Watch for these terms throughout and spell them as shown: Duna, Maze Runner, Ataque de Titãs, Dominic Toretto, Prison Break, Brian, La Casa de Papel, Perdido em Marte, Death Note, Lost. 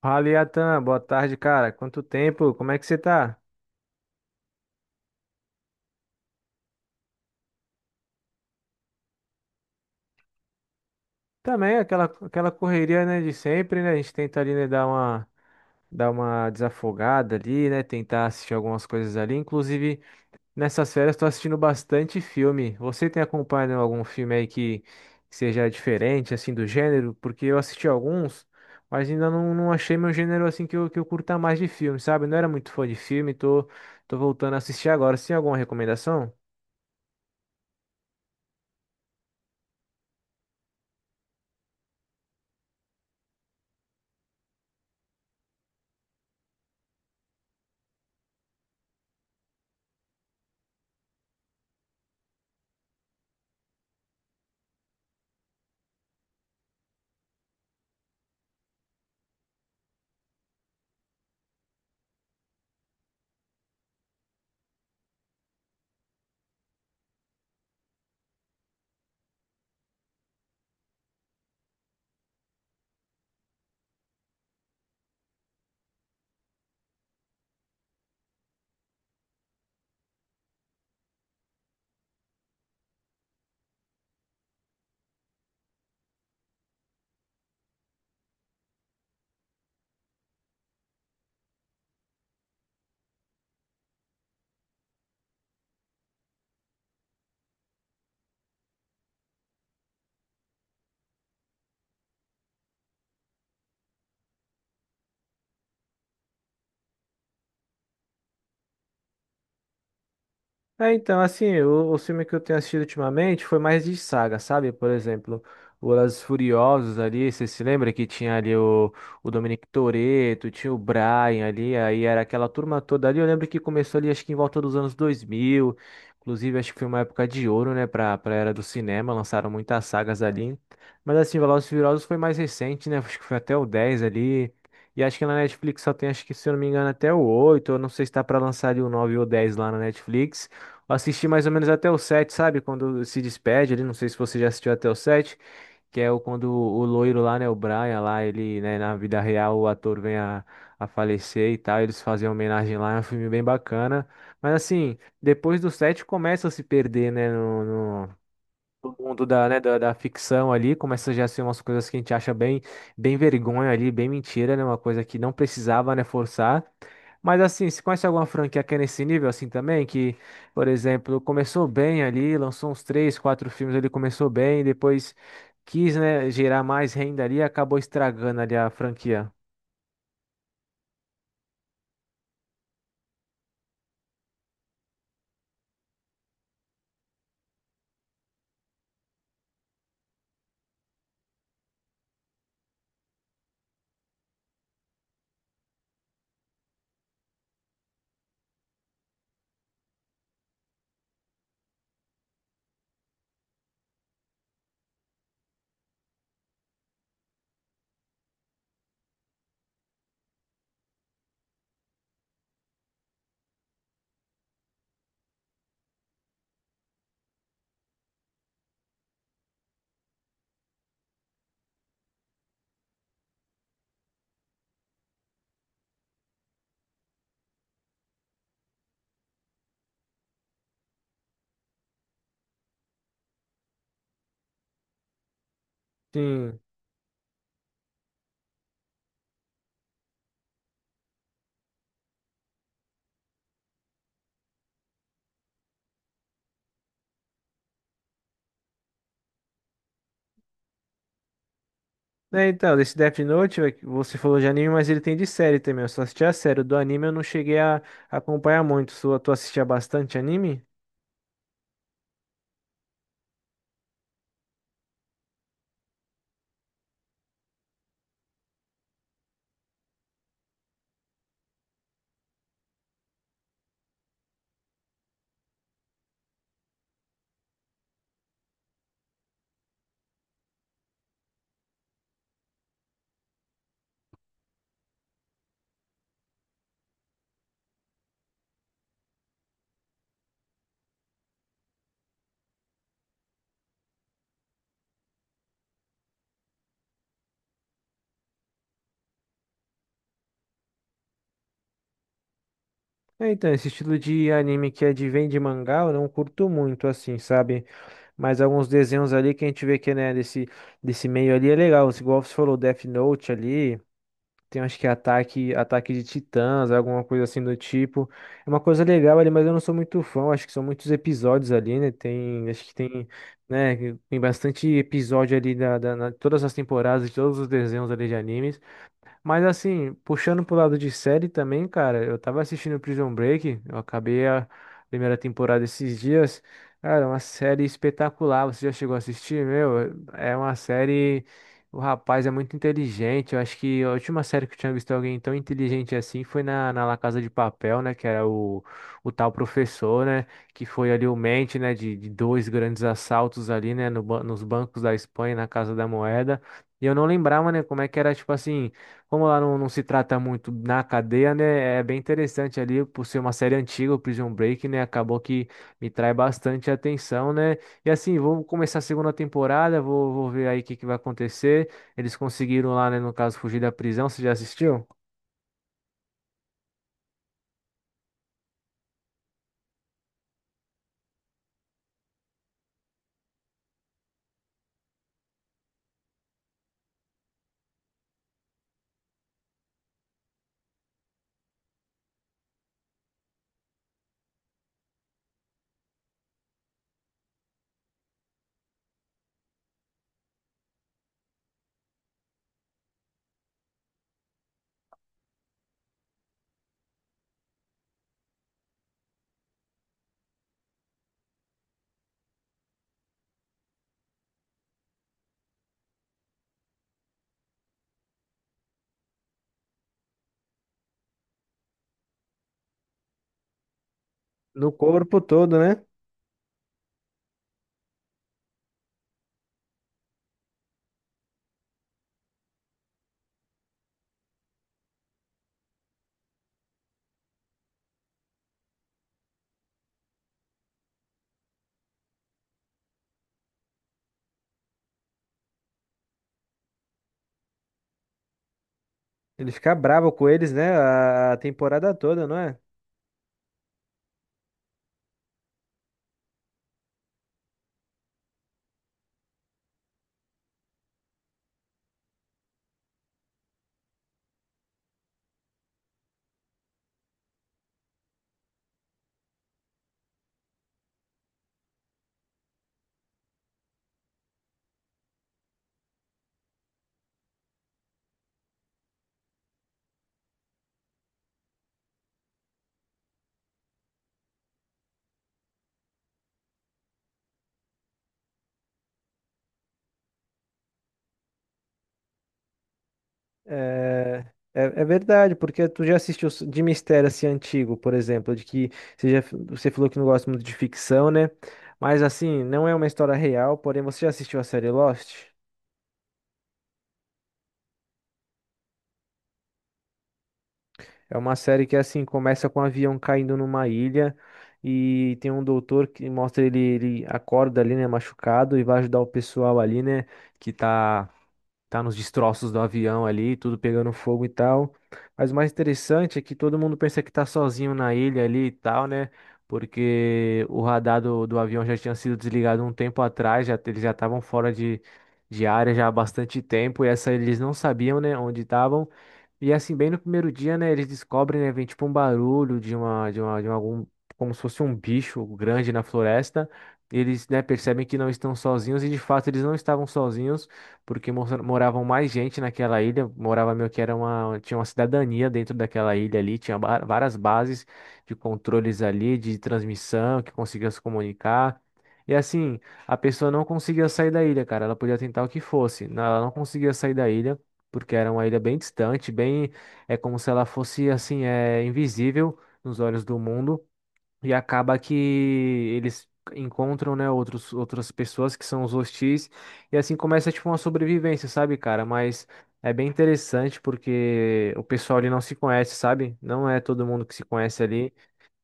Fala, Iatan. Boa tarde, cara. Quanto tempo? Como é que você tá? Também aquela correria, né, de sempre, né? A gente tenta ali, né, dar uma desafogada ali, né? Tentar assistir algumas coisas ali. Inclusive, nessas férias, tô assistindo bastante filme. Você tem acompanhado algum filme aí que seja diferente, assim, do gênero? Porque eu assisti alguns, mas ainda não achei meu gênero, assim, que eu curta mais de filme, sabe? Não era muito fã de filme, tô voltando a assistir agora. Você tem alguma recomendação? É, então, assim, o filme que eu tenho assistido ultimamente foi mais de saga, sabe? Por exemplo, O Os Furiosos ali, você se lembra que tinha ali o Dominic Toretto, tinha o Brian ali, aí era aquela turma toda ali. Eu lembro que começou ali, acho que em volta dos anos 2000, inclusive acho que foi uma época de ouro, né, pra era do cinema, lançaram muitas sagas ali. Mas assim, Velozes e Furiosos foi mais recente, né, acho que foi até o 10 ali. E acho que na Netflix só tem, acho que se eu não me engano, até o oito. Eu não sei se tá pra lançar ali o 9 ou o 10 lá na Netflix. Eu assisti mais ou menos até o 7, sabe? Quando se despede ali, não sei se você já assistiu até o 7, que é o, quando o loiro lá, né, o Brian lá, ele, né, na vida real o ator vem a falecer e tal, eles fazem uma homenagem lá, é um filme bem bacana. Mas assim, depois do 7 começa a se perder, né, do mundo da, né, da, da ficção ali, começa já a ser umas coisas que a gente acha bem, bem vergonha ali, bem mentira, né? Uma coisa que não precisava, né, forçar. Mas assim, você conhece alguma franquia que é nesse nível assim também? Que, por exemplo, começou bem ali, lançou uns três, quatro filmes ali, começou bem, depois quis, né, gerar mais renda ali e acabou estragando ali a franquia. Sim. É, então, desse Death Note, é que você falou de anime, mas ele tem de série também. Eu só assisti a série. O do anime eu não cheguei a acompanhar muito. Tu assistia bastante anime? É, então, esse estilo de anime que é de vem de mangá, eu não curto muito, assim, sabe? Mas alguns desenhos ali que a gente vê que, né, desse, desse meio ali é legal. Igual você falou, Death Note ali, tem acho que Ataque, Ataque de Titãs, alguma coisa assim do tipo. É uma coisa legal ali, mas eu não sou muito fã, acho que são muitos episódios ali, né? Tem, acho que tem, né, tem bastante episódio ali todas as temporadas, de todos os desenhos ali de animes. Mas assim, puxando pro lado de série também, cara, eu tava assistindo Prison Break, eu acabei a primeira temporada esses dias. Cara, é uma série espetacular, você já chegou a assistir? Meu, é uma série. O rapaz é muito inteligente. Eu acho que a última série que eu tinha visto alguém tão inteligente assim foi na, na La Casa de Papel, né? Que era o tal professor, né? Que foi ali o mente, né? De dois grandes assaltos ali, né? no ban- Nos bancos da Espanha, na Casa da Moeda. E eu não lembrava, né, como é que era, tipo assim, como lá não se trata muito na cadeia, né? É bem interessante ali, por ser uma série antiga, o Prison Break, né? Acabou que me trai bastante atenção, né? E assim, vou começar a segunda temporada, vou ver aí o que vai acontecer. Eles conseguiram lá, né, no caso, fugir da prisão. Você já assistiu? No corpo todo, né? Ele fica bravo com eles, né? A temporada toda, não é? É, é verdade, porque tu já assistiu de mistério assim antigo, por exemplo, de que você já, você falou que não gosta muito de ficção, né? Mas assim, não é uma história real, porém você já assistiu a série Lost? É uma série que assim começa com um avião caindo numa ilha e tem um doutor que mostra ele, ele acorda ali, né, machucado e vai ajudar o pessoal ali, né, que tá nos destroços do avião ali, tudo pegando fogo e tal. Mas o mais interessante é que todo mundo pensa que tá sozinho na ilha ali e tal, né? Porque o radar do avião já tinha sido desligado um tempo atrás, já, eles já estavam fora de área já há bastante tempo, e essa eles não sabiam, né, onde estavam. E assim, bem no primeiro dia, né, eles descobrem, né, vem tipo um barulho algum, como se fosse um bicho grande na floresta. Eles, né, percebem que não estão sozinhos e de fato eles não estavam sozinhos porque moravam mais gente naquela ilha, morava meio que era uma, tinha uma cidadania dentro daquela ilha ali, tinha várias bases de controles ali, de transmissão, que conseguia se comunicar. E assim, a pessoa não conseguia sair da ilha, cara, ela podia tentar o que fosse, não- ela não conseguia sair da ilha, porque era uma ilha bem distante, bem, é como se ela fosse assim, é invisível nos olhos do mundo. E acaba que eles encontram, né, outros, outras pessoas que são os hostis. E assim começa, tipo, uma sobrevivência, sabe, cara? Mas é bem interessante porque o pessoal ali não se conhece, sabe? Não é todo mundo que se conhece ali.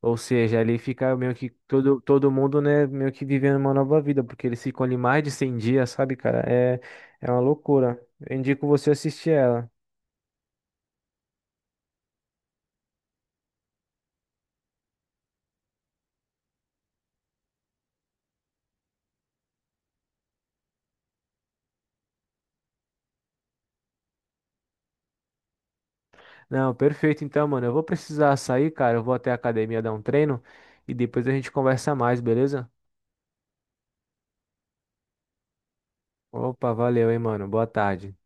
Ou seja, ali fica meio que todo mundo, né, meio que vivendo uma nova vida. Porque eles ficam ali mais de 100 dias, sabe, cara? É, é uma loucura. Eu indico você assistir ela. Não, perfeito. Então, mano, eu vou precisar sair, cara. Eu vou até a academia dar um treino e depois a gente conversa mais, beleza? Opa, valeu, hein, mano. Boa tarde.